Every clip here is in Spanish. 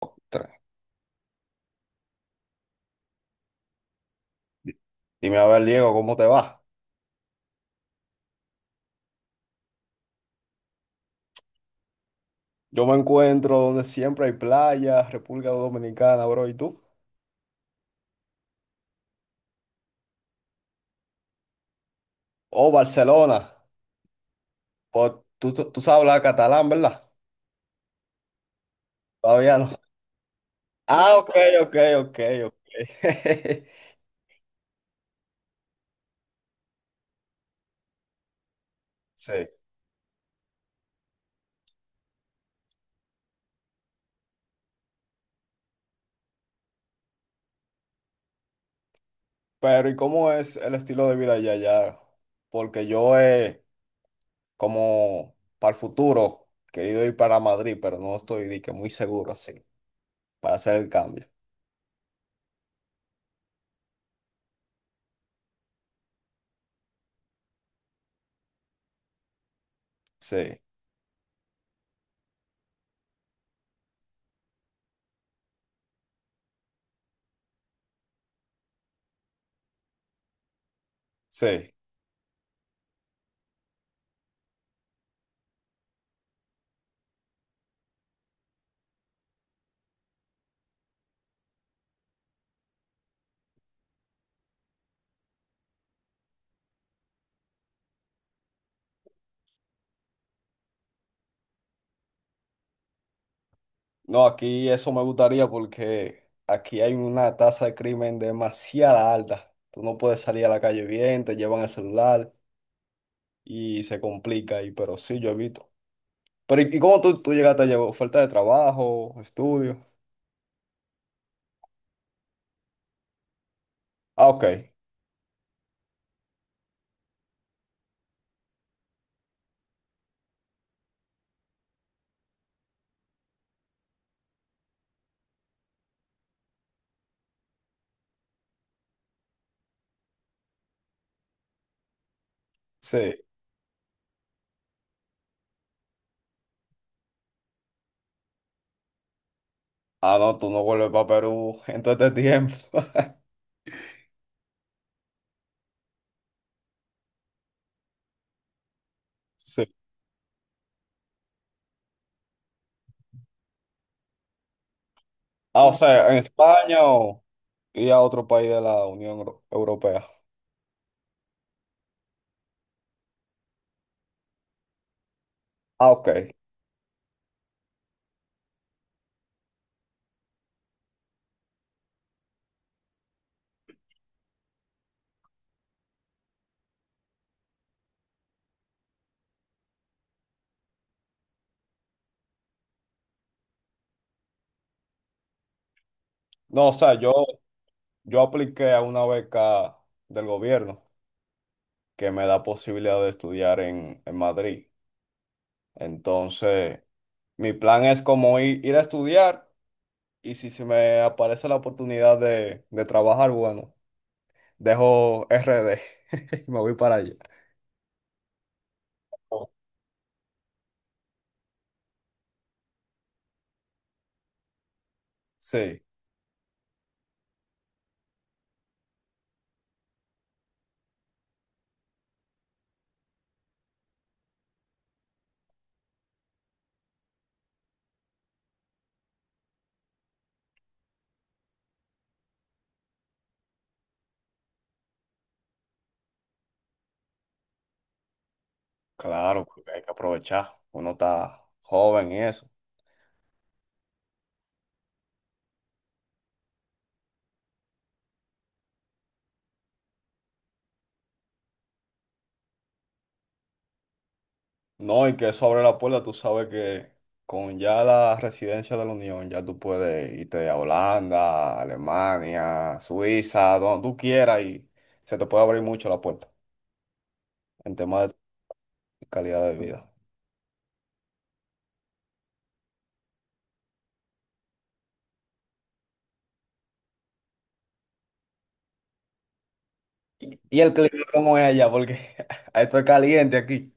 Ostras. Dime a ver, Diego, ¿cómo te va? Yo me encuentro donde siempre hay playas, República Dominicana, bro, ¿y tú? Oh, Barcelona. Oh, tú sabes hablar catalán, ¿verdad? Todavía no. Ah, ok, ok, ok, ok. Sí. Pero ¿y cómo es el estilo de vida allá? Porque yo he, como para el futuro, querido ir para Madrid, pero no estoy de que muy seguro así, para hacer el cambio. Sí, sí. No, aquí eso me gustaría porque aquí hay una tasa de crimen demasiada alta. Tú no puedes salir a la calle bien, te llevan el celular y se complica ahí, pero sí, yo evito. Pero ¿y cómo tú llegaste a llevar? ¿Falta de trabajo, estudio? Ah, ok, sí. Ah, no, tú no vuelves para Perú en todo este tiempo. Sí. Ah, o sea, en España o y a otro país de la Unión Europea. Ah, ok. No, o sea, yo apliqué a una beca del gobierno que me da posibilidad de estudiar en Madrid. Entonces, mi plan es como ir a estudiar, y si se me aparece la oportunidad de trabajar, bueno, dejo RD y me voy para allá. Sí, claro, porque hay que aprovechar. Uno está joven y eso. No, y que eso abre la puerta, tú sabes que con ya la residencia de la Unión, ya tú puedes irte a Holanda, Alemania, Suiza, donde tú quieras, y se te puede abrir mucho la puerta en temas de calidad de vida. ¿Y el clima cómo es allá? Porque esto es caliente aquí.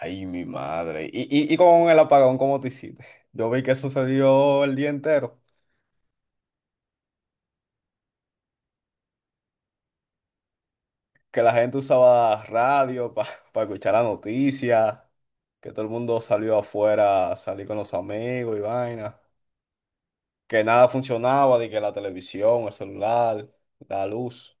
Ay, mi madre. ¿Y con el apagón cómo te hiciste? Yo vi que sucedió el día entero, que la gente usaba radio para escuchar la noticia, que todo el mundo salió afuera, salí con los amigos y vaina, que nada funcionaba, de que la televisión, el celular, la luz.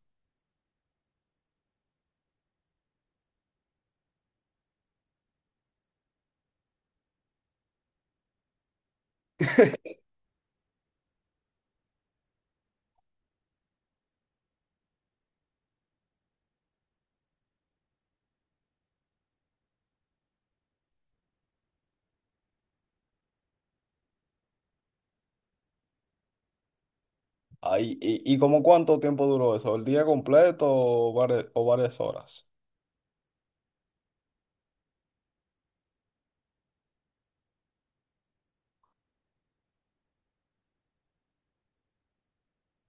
Ahí. ¿Y como cuánto tiempo duró eso? ¿El día completo o varias horas?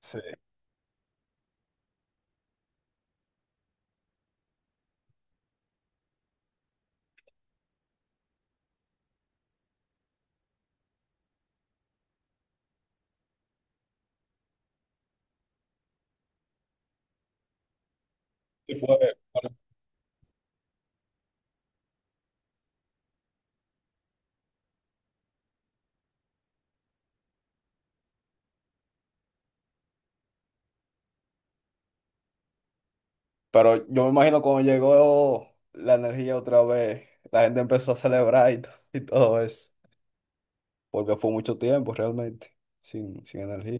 Sí, sí fue, bueno. Pero yo me imagino cuando llegó la energía otra vez, la gente empezó a celebrar y, y todo eso, porque fue mucho tiempo realmente, sin energía.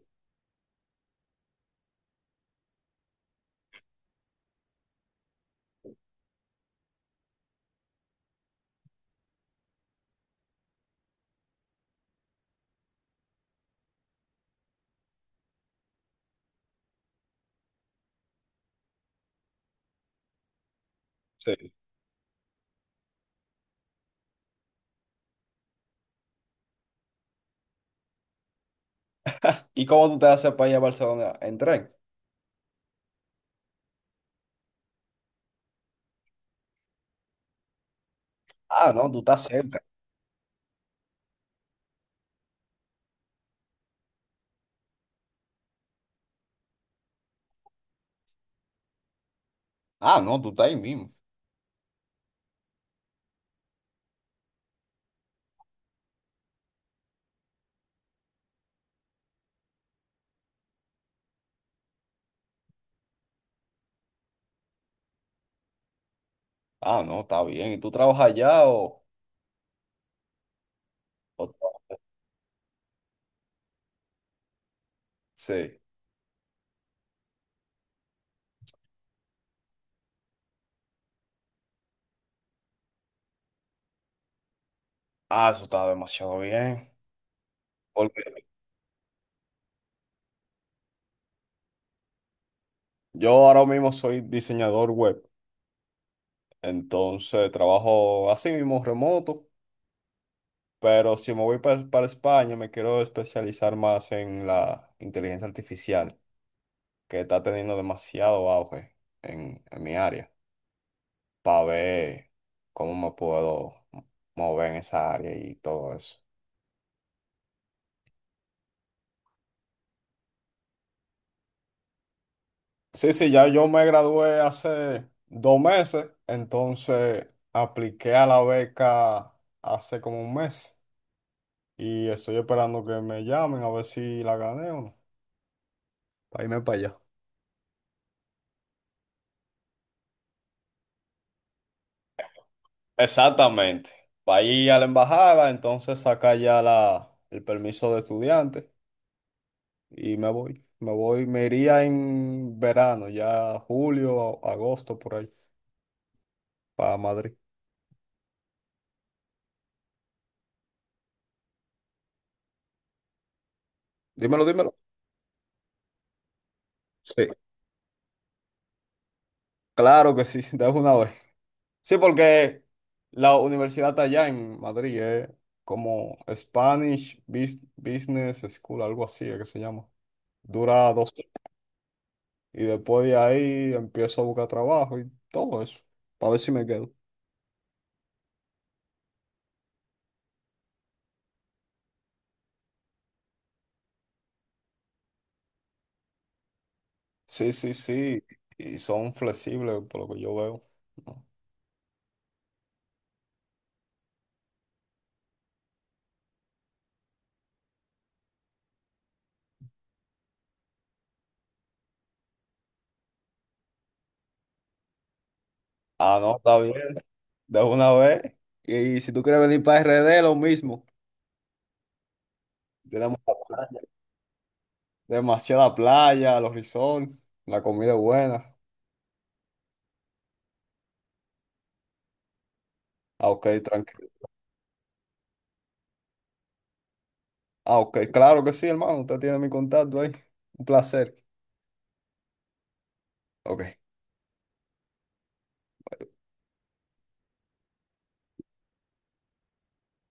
Sí. ¿Y cómo tú te haces para ir a Barcelona en tren? Ah, no, tú estás cerca. Ah, no, tú estás ahí mismo. Ah, no, está bien. ¿Y tú trabajas allá o Sí. Ah, eso está demasiado bien. Porque yo ahora mismo soy diseñador web. Entonces trabajo así mismo remoto. Pero si me voy para España, me quiero especializar más en la inteligencia artificial, que está teniendo demasiado auge en mi área, para ver cómo me puedo mover en esa área y todo eso. Sí, sí, ya yo me gradué hace 2 meses, entonces apliqué a la beca hace como un mes y estoy esperando que me llamen a ver si la gané o no, para irme para allá. Exactamente, para ir a la embajada, entonces saca ya el permiso de estudiante y me iría en verano, ya julio, agosto, por ahí, para Madrid. Dímelo, dímelo. Sí, claro que sí, de una vez. Sí, porque la universidad está allá en Madrid, es como Spanish Business School, algo así es que se llama. Dura 2 años, y después de ahí empiezo a buscar trabajo y todo eso, para ver si me quedo. Sí, sí, sí, y son flexibles por lo que yo veo. ¿No? Ah, no, está bien, de una vez. Y si tú quieres venir para RD, lo mismo. Tenemos la playa, demasiada playa, los resorts, la comida es buena. Ah, ok, tranquilo. Ah, ok, claro que sí, hermano. Usted tiene mi contacto ahí. Un placer. Ok.